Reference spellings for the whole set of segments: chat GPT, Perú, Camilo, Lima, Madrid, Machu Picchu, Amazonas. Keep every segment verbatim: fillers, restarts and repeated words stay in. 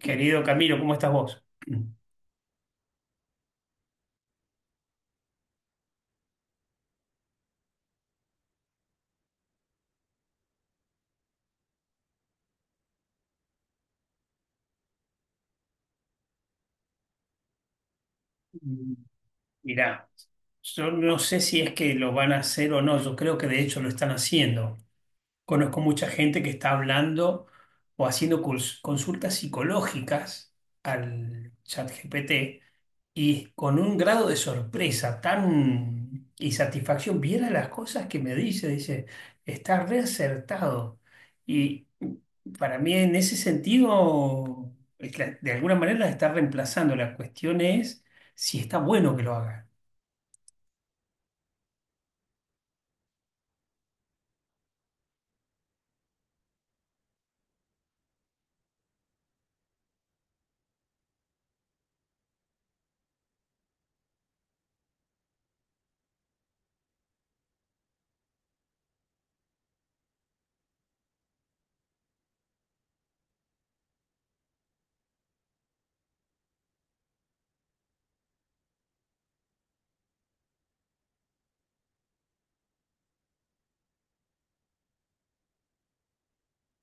Querido Camilo, ¿cómo estás vos? Mirá, yo no sé si es que lo van a hacer o no. Yo creo que de hecho lo están haciendo. Conozco mucha gente que está hablando o haciendo cons- consultas psicológicas al chat G P T, y con un grado de sorpresa tan y satisfacción, viera las cosas que me dice, dice, está reacertado. Y para mí en ese sentido, es la- de alguna manera la está reemplazando. La cuestión es si está bueno que lo haga.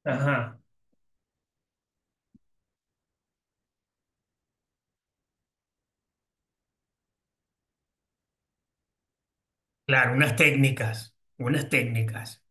Ajá, claro, unas técnicas, unas técnicas.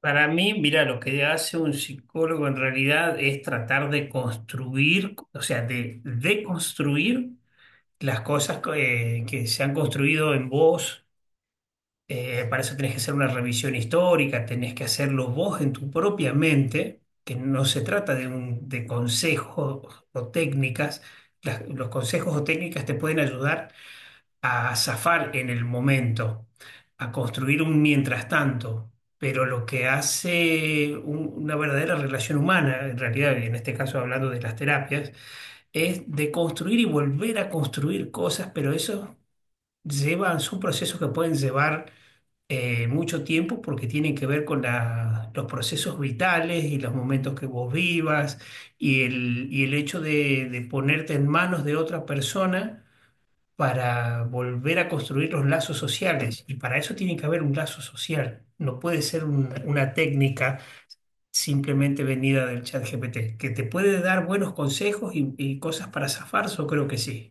Para mí, mira, lo que hace un psicólogo en realidad es tratar de construir, o sea, de deconstruir las cosas que, que se han construido en vos. Eh, para eso tenés que hacer una revisión histórica, tenés que hacerlo vos en tu propia mente, que no se trata de, un, de consejos o técnicas. Las- los consejos o técnicas te pueden ayudar a zafar en el momento, a construir un mientras tanto. Pero lo que hace un- una verdadera relación humana, en realidad, y en este caso hablando de las terapias, es de construir y volver a construir cosas, pero eso llevan, son procesos que pueden llevar eh, mucho tiempo, porque tienen que ver con la- los procesos vitales y los momentos que vos vivas, y el, y el hecho de, de ponerte en manos de otra persona para volver a construir los lazos sociales. Y para eso tiene que haber un lazo social. No puede ser un- una técnica simplemente venida del chat G P T, que te puede dar buenos consejos y, y cosas para zafar, yo creo que sí.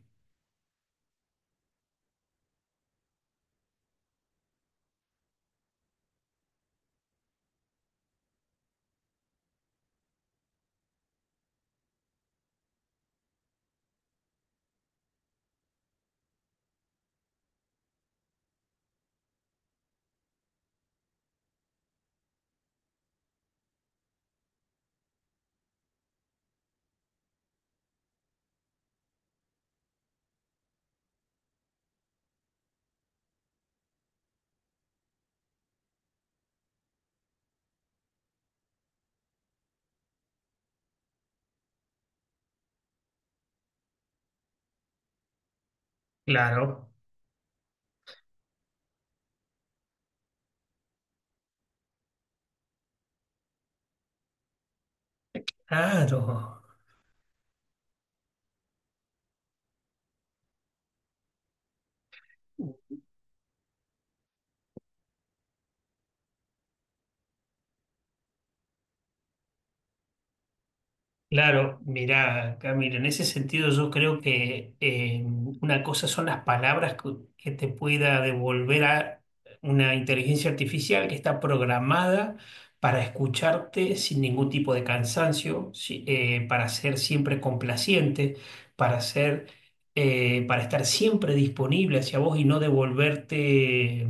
Claro, claro. Claro, mirá, Camilo, en ese sentido yo creo que eh, una cosa son las palabras que, que te pueda devolver a una inteligencia artificial que está programada para escucharte sin ningún tipo de cansancio, si- eh, para ser siempre complaciente, para ser, eh, para estar siempre disponible hacia vos y no devolverte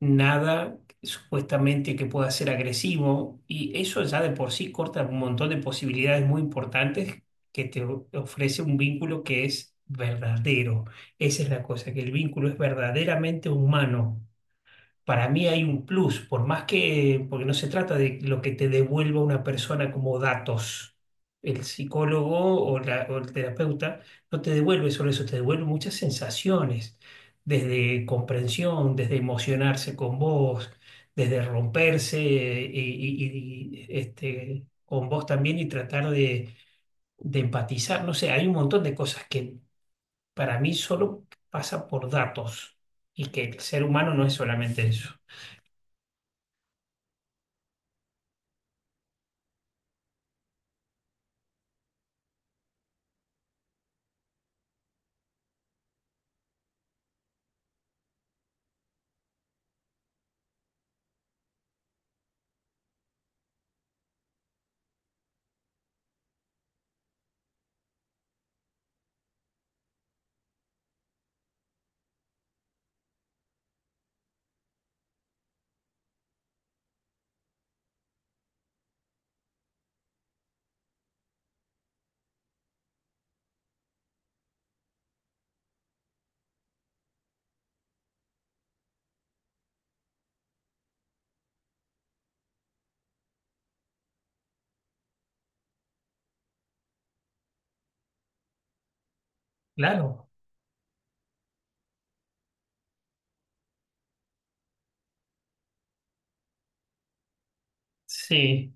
nada supuestamente que pueda ser agresivo. Y eso ya de por sí corta un montón de posibilidades muy importantes que te o- ofrece un vínculo que es verdadero. Esa es la cosa, que el vínculo es verdaderamente humano. Para mí hay un plus, por más que, porque no se trata de lo que te devuelva una persona como datos. El psicólogo o, la- o el terapeuta no te devuelve solo eso, te devuelve muchas sensaciones: desde comprensión, desde emocionarse con vos, desde romperse eh, y, y- y, este, con vos también, y tratar de, de empatizar. No sé, hay un montón de cosas que para mí solo pasa por datos, y que el ser humano no es solamente eso. Claro, sí,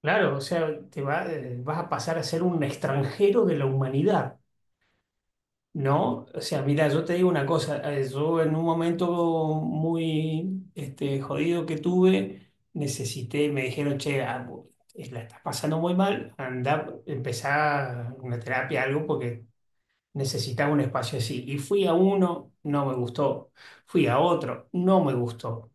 claro, o sea, te va- eh, vas a pasar a ser un extranjero de la humanidad, ¿no? O sea, mira, yo te digo una cosa. Eh, yo, en un momento muy este, jodido que tuve, necesité, me dijeron, che, ah, bu- eh, la estás pasando muy mal, anda, empezá una terapia, algo, porque necesitaba un espacio así. Y fui a uno, no me gustó, fui a otro, no me gustó.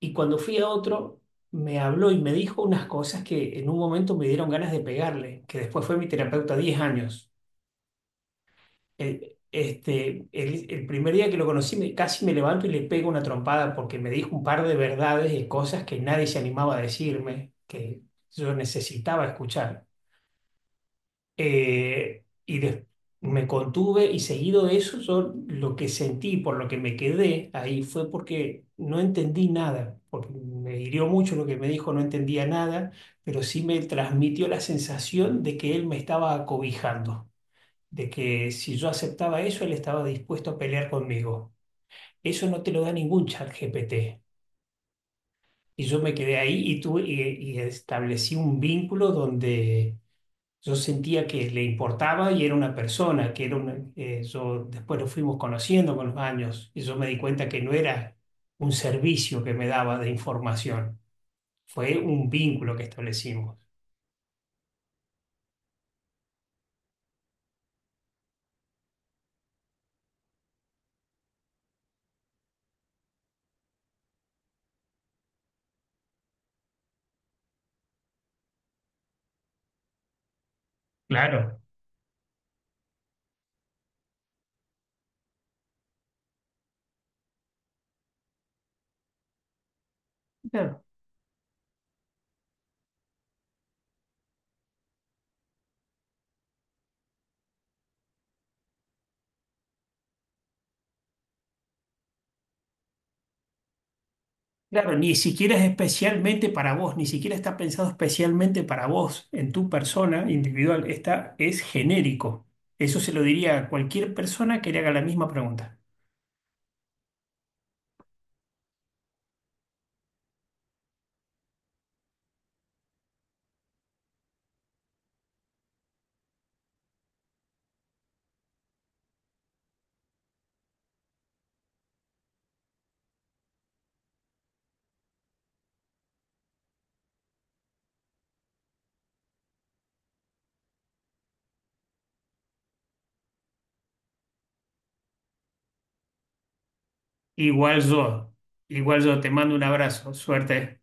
Y cuando fui a otro, me habló y me dijo unas cosas que en un momento me dieron ganas de pegarle, que después fue mi terapeuta diez años. El, este, el, el primer día que lo conocí, me, casi me levanto y le pego una trompada, porque me dijo un par de verdades y cosas que nadie se animaba a decirme, que yo necesitaba escuchar. Eh, y de- Me contuve, y seguido de eso, yo lo que sentí, por lo que me quedé ahí, fue porque no entendí nada, porque me hirió mucho lo que me dijo, no entendía nada, pero sí me transmitió la sensación de que él me estaba acobijando, de que si yo aceptaba eso, él estaba dispuesto a pelear conmigo. Eso no te lo da ningún chat G P T. Y yo me quedé ahí y, tuve, y y establecí un vínculo donde yo sentía que le importaba y era una persona, que era una, eh, yo después lo fuimos conociendo con los años y yo me di cuenta que no era un servicio que me daba de información, fue un vínculo que establecimos. Claro. Claro, claro, ni siquiera es especialmente para vos, ni siquiera está pensado especialmente para vos, en tu persona individual, está, es genérico. Eso se lo diría a cualquier persona que le haga la misma pregunta. Igual yo, igual yo, te mando un abrazo, suerte.